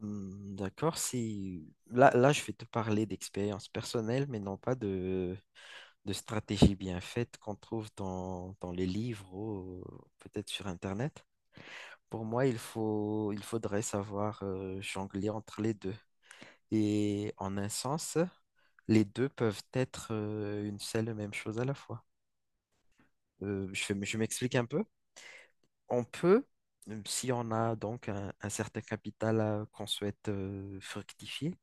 Hmm, d'accord, si là, je vais te parler d'expérience personnelle, mais non pas de stratégie bien faite qu'on trouve dans les livres ou peut-être sur Internet. Pour moi, il faudrait savoir jongler entre les deux. Et en un sens, les deux peuvent être une seule et même chose à la fois. Je m'explique un peu. On peut, Si on a donc un certain qu'on souhaite fructifier,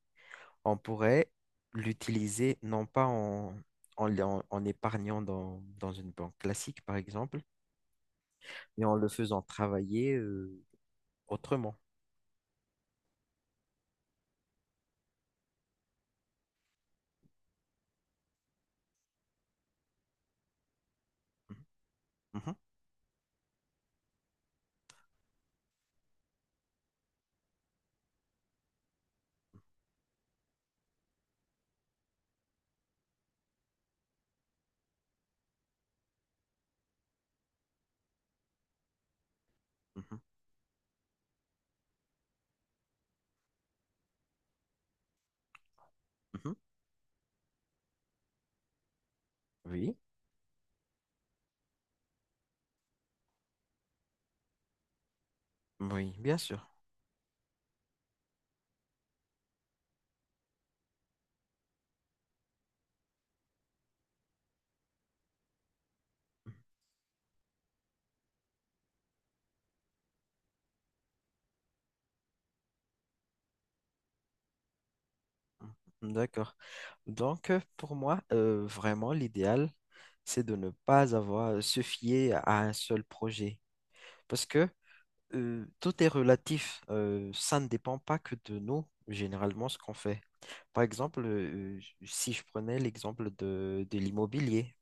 on pourrait l'utiliser non pas en épargnant dans une banque classique, par exemple, mais en le faisant travailler autrement. Mhm, mhm, mhm, mhm. Oui, oui, bien sûr. Mhm, mhm. D'accord. Donc, pour moi, vraiment, l'idéal, c'est de ne pas avoir se fier à un seul projet. Parce que tout est relatif. Ça ne dépend pas que de nous, généralement, ce qu'on fait. Par exemple, si je prenais l'exemple de l'immobilier,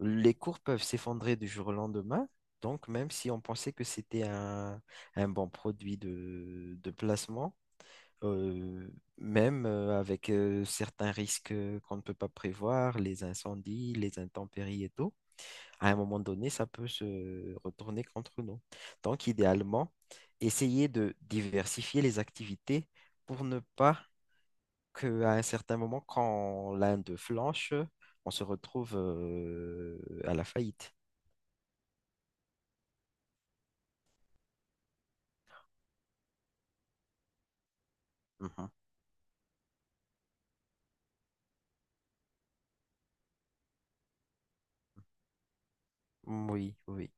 les cours peuvent s'effondrer du jour au lendemain. Donc, même si on pensait que c'était un bon produit de placement, euh, même avec certains risques qu'on ne peut pas prévoir, les incendies, les intempéries et tout, à un moment donné, ça peut se retourner contre nous. Donc, idéalement, essayer de diversifier les activités pour ne pas qu'à un certain moment, quand l'un d'eux flanche, on se retrouve à la faillite. Mhm. Oui, oui.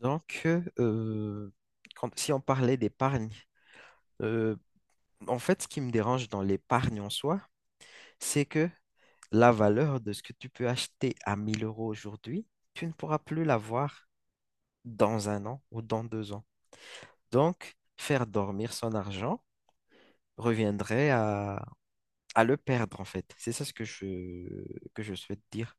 Donc, euh, si on parlait d'épargne, euh, en fait, ce qui me dérange dans l'épargne en soi, c'est que la valeur de ce que tu peux acheter à 1000 euros aujourd'hui, tu ne pourras plus l'avoir dans un an ou dans deux ans. Donc, faire dormir son argent reviendrait à le perdre, en fait. C'est ça ce que que je souhaite dire.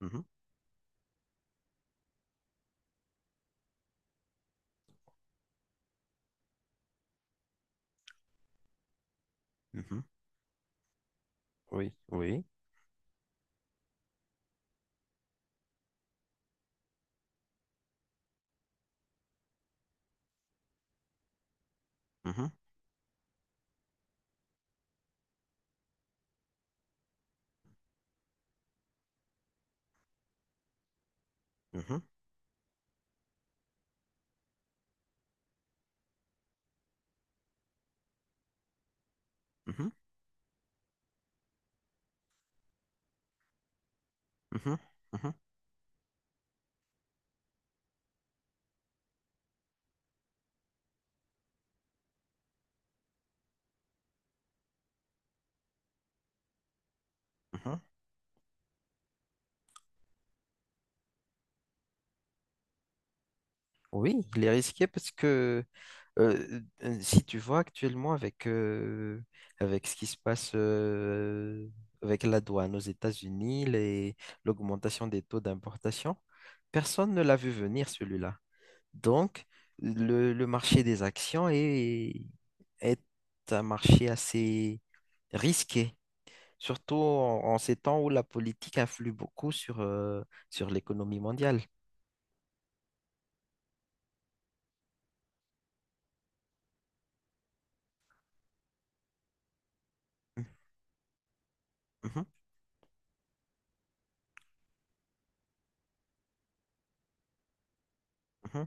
Mhm, mhm. Oui, oui. Mhm, mhm, mhm, mhm, mhm, mhm. Mhm. Oui, il est risqué parce que si tu vois actuellement avec ce qui se passe avec la douane aux États-Unis, l'augmentation des taux d'importation, personne ne l'a vu venir celui-là. Donc, le marché des actions est un marché assez risqué, surtout en ces temps où la politique influe beaucoup sur l'économie mondiale. Mhm, mhm,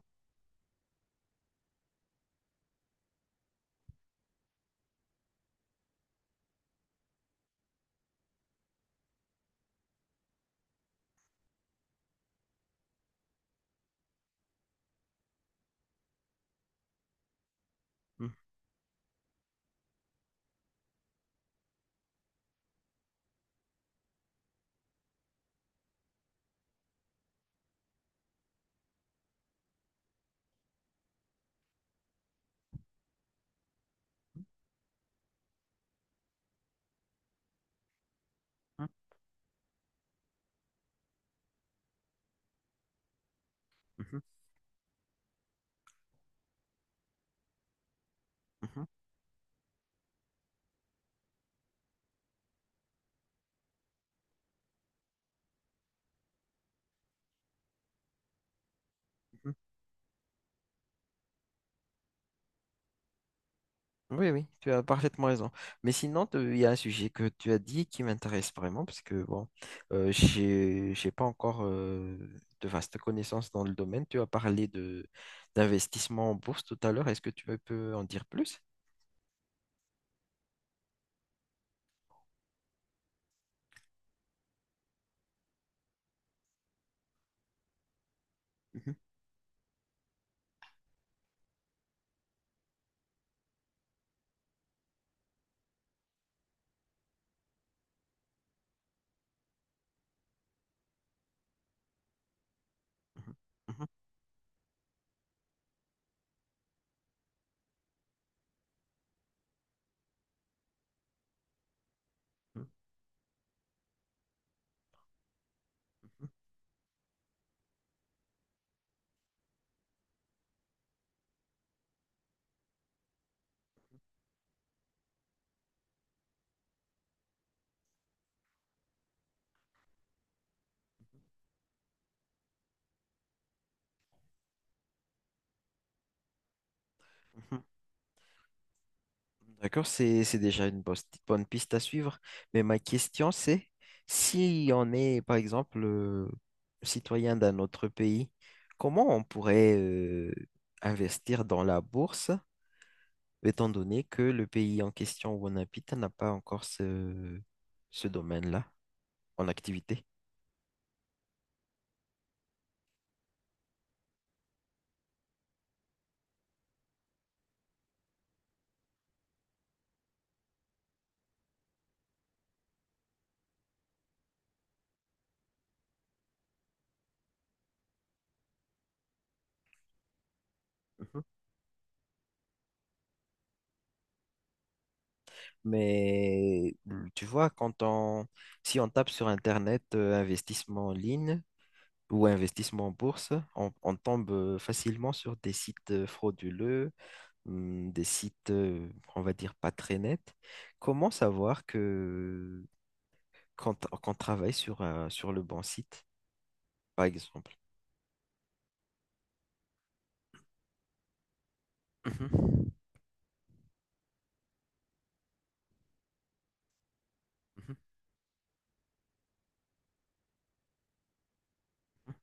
mhm, mhm. Mhm. Mhm, mhm. Oui, oui, tu as parfaitement raison. Mais sinon, il y a un sujet que tu as dit qui m'intéresse vraiment, parce que bon, j'ai pas encore de vastes connaissances dans le domaine. Tu as parlé de d'investissement en bourse tout à l'heure. Est-ce que tu peux en dire plus? Mhm, mhm, mhm, mhm, mhm, mhm. D'accord, c'est déjà une bonne piste à suivre. Mais ma question, c'est si on est, par exemple, citoyen d'un autre pays, comment on pourrait investir dans la bourse, étant donné que le pays en question où on habite n'a pas encore ce domaine-là en activité? Mhm. Mais tu vois, si on tape sur Internet investissement en ligne, ou investissement en bourse, on tombe facilement sur des sites frauduleux, des sites, on va dire, pas très nets. Comment savoir que qu'on qu'on travaille sur le bon site, par exemple? Mhm, mhm, mhm.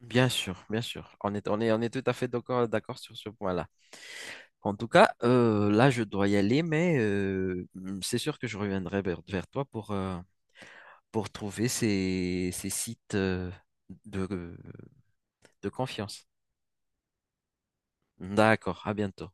Bien sûr, bien sûr. On est tout à fait d'accord, d'accord sur ce point-là. En tout cas, là, je dois y aller, mais c'est sûr que je reviendrai vers toi pour trouver ces sites de, de confiance. D'accord, à bientôt.